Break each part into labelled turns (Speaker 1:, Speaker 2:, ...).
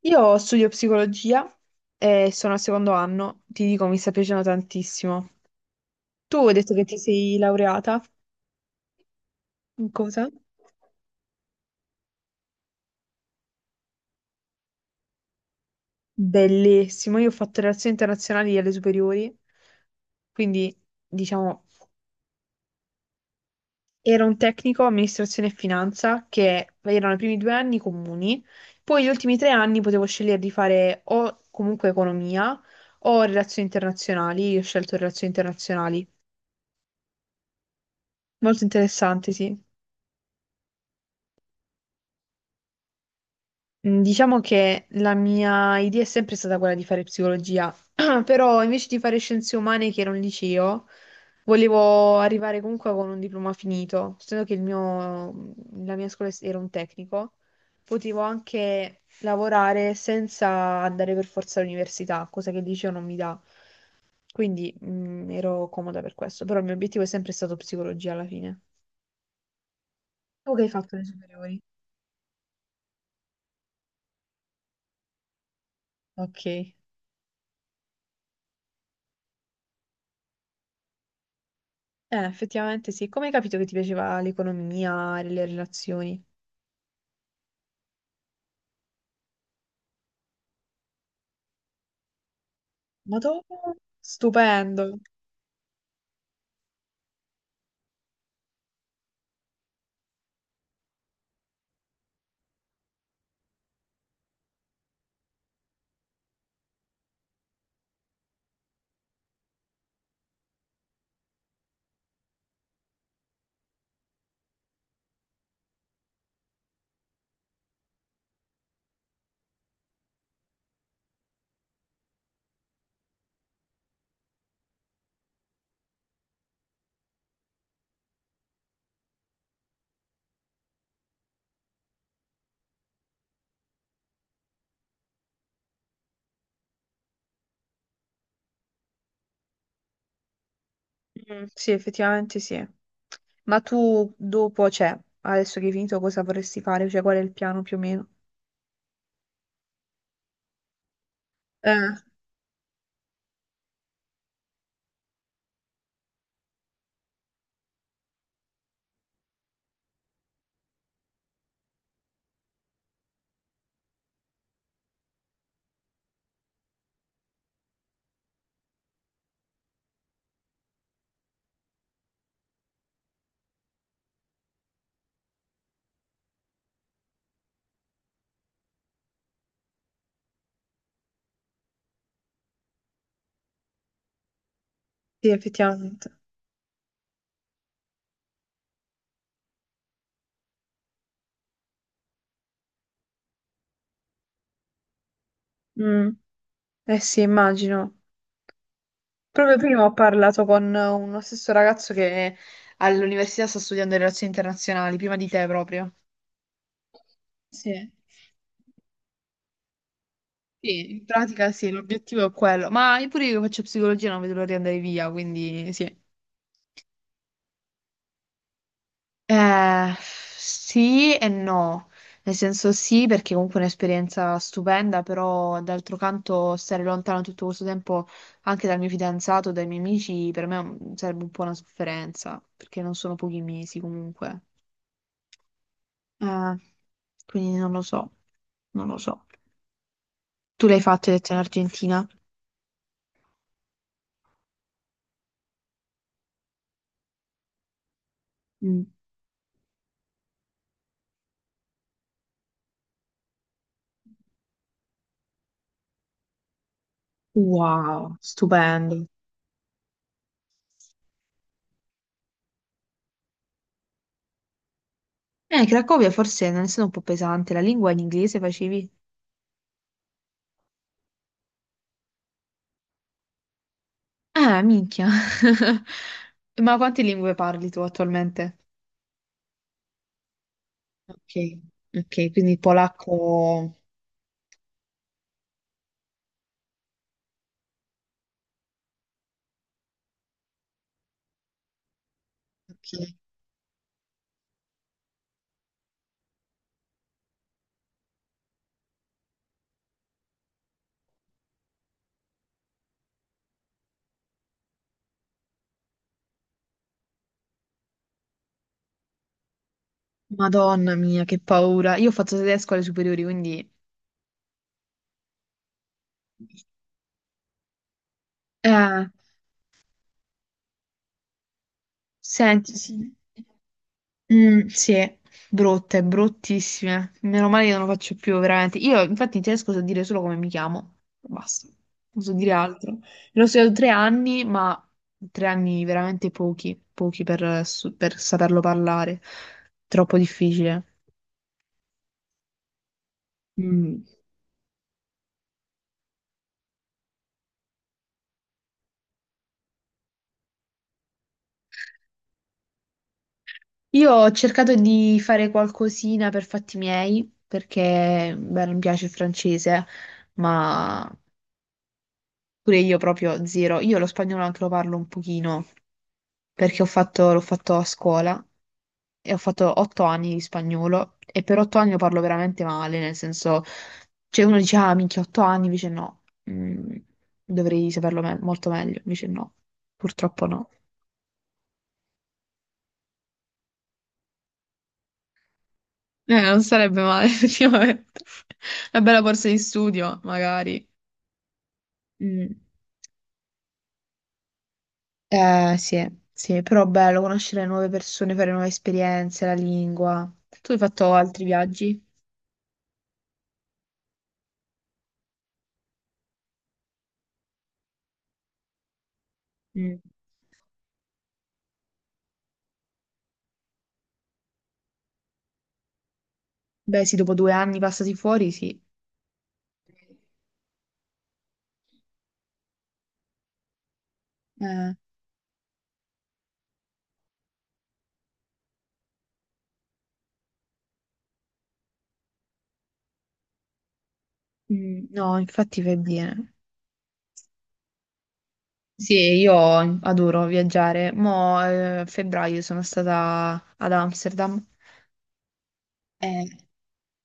Speaker 1: Io studio psicologia e sono al secondo anno, ti dico, mi sta piacendo tantissimo. Tu hai detto che ti sei laureata in cosa? Bellissimo, io ho fatto relazioni internazionali alle superiori, quindi diciamo era un tecnico amministrazione e finanza che erano i primi 2 anni comuni, poi gli ultimi 3 anni potevo scegliere di fare o comunque economia o relazioni internazionali, io ho scelto relazioni internazionali. Molto interessante, sì. Diciamo che la mia idea è sempre stata quella di fare psicologia, però invece di fare scienze umane, che era un liceo, volevo arrivare comunque con un diploma finito, essendo che il mio- la mia scuola era un tecnico, potevo anche lavorare senza andare per forza all'università, cosa che il liceo non mi dà. Quindi, ero comoda per questo, però il mio obiettivo è sempre stato psicologia alla fine. Tu che hai fatto le superiori? Ok. Effettivamente sì. Come hai capito che ti piaceva l'economia, le relazioni? Ma tu? Stupendo. Mm, sì, effettivamente sì. Ma tu dopo, cioè, adesso che hai finito, cosa vorresti fare? Cioè, qual è il piano più o meno? Eh, sì, effettivamente. Mm, eh sì, immagino. Proprio prima ho parlato con uno stesso ragazzo che all'università sta studiando relazioni internazionali, prima di te proprio. Sì. Sì, in pratica sì, l'obiettivo è quello. Ma io pure io che faccio psicologia non vedo l'ora di andare via, quindi sì. Sì e no, nel senso sì perché comunque è un'esperienza stupenda, però d'altro canto stare lontano tutto questo tempo anche dal mio fidanzato, dai miei amici, per me è un- sarebbe un po' una sofferenza, perché non sono pochi mesi comunque. Eh, quindi non lo so, non lo so. Tu l'hai fatto, hai detto in Argentina? Mm. Wow, stupendo. Cracovia forse non è stata un po' pesante, la lingua in inglese facevi? Ah, minchia. Ma quante lingue parli tu attualmente? Ok, ok, quindi polacco. Ok. Madonna mia, che paura. Io ho fatto tedesco alle superiori, quindi... Eh, senti, sì. Mm, sì, brutte, bruttissime. Meno male che non lo faccio più, veramente. Io, infatti, in tedesco so dire solo come mi chiamo. Basta, non so dire altro. L'ho studiato 3 anni, ma 3 anni veramente pochi, pochi per, su- per saperlo parlare. Troppo difficile. Mm. Io ho cercato di fare qualcosina per fatti miei, perché, beh, non mi piace il francese, ma pure io proprio zero. Io lo spagnolo anche lo parlo un pochino. Perché ho fatto- l'ho fatto a scuola e ho fatto 8 anni di spagnolo e per 8 anni lo parlo veramente male, nel senso, cioè uno dice, ah, minchia, 8 anni, invece no, Mm, dovrei saperlo me- molto meglio, invece no, purtroppo no. Non sarebbe male, effettivamente. Una bella borsa di studio, magari. Mm. Sì, sì, però bello conoscere nuove persone, fare nuove esperienze, la lingua. Tu hai fatto altri viaggi? Mm. Beh, sì, dopo 2 anni passati fuori, sì. Eh, mm, no, infatti fai bene. Sì, io adoro viaggiare. Mo', a febbraio sono stata ad Amsterdam.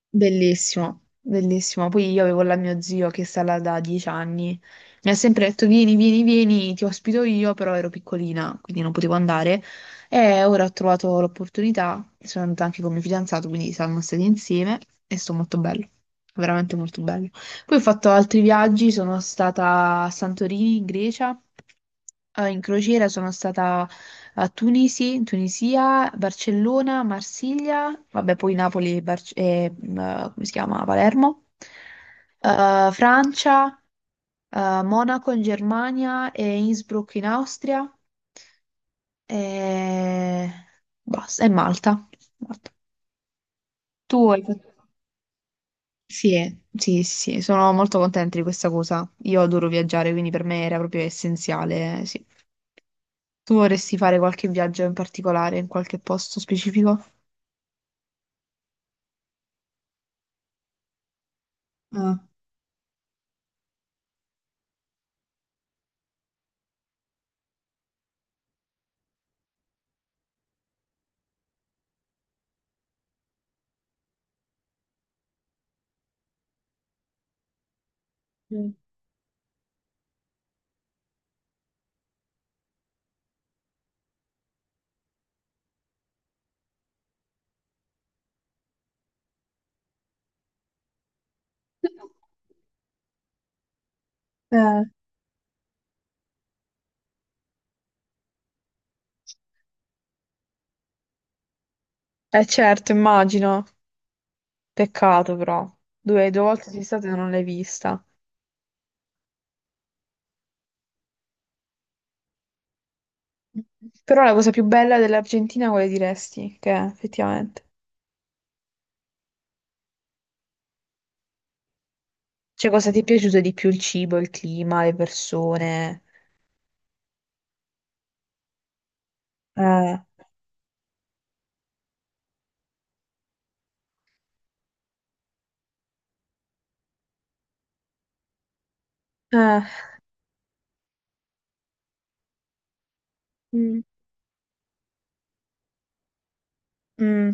Speaker 1: Bellissimo, bellissimo. Poi io avevo la mio zio che sta là da 10 anni. Mi ha sempre detto: Vieni, vieni, vieni, ti ospito io, però ero piccolina, quindi non potevo andare. E ora ho trovato l'opportunità. Sono andata anche con mio fidanzato, quindi siamo stati insieme e sto molto bello, veramente molto bello. Poi ho fatto altri viaggi, sono stata a Santorini, in Grecia, in crociera, sono stata a Tunisi, in Tunisia, Barcellona, Marsiglia, vabbè, poi Napoli Barc- e, come si chiama? Palermo, Francia, Monaco in Germania e Innsbruck in Austria e basta, e Malta. Malta. Tu hai fatto- Sì, sì, sì, sono molto contenta di questa cosa. Io adoro viaggiare, quindi per me era proprio essenziale, sì. Tu vorresti fare qualche viaggio in particolare, in qualche posto specifico? Mm. Eh, eh certo, immagino. Peccato però. Due volte sei stata e non l'hai vista. Però la cosa più bella dell'Argentina quale diresti che è, effettivamente? Cioè, cosa ti è piaciuto di più? Il cibo, il clima, le persone? eh, Eh, mm, mm.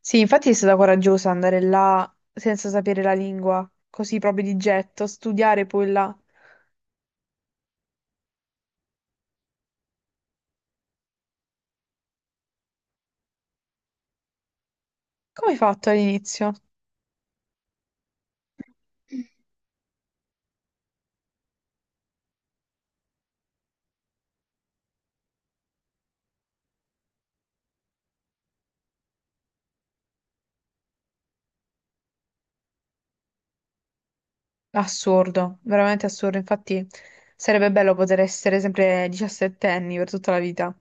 Speaker 1: Sì, infatti è stata coraggiosa andare là senza sapere la lingua, così proprio di getto, studiare poi là. Come hai fatto all'inizio? Assurdo, veramente assurdo. Infatti sarebbe bello poter essere sempre diciassettenni per tutta la vita.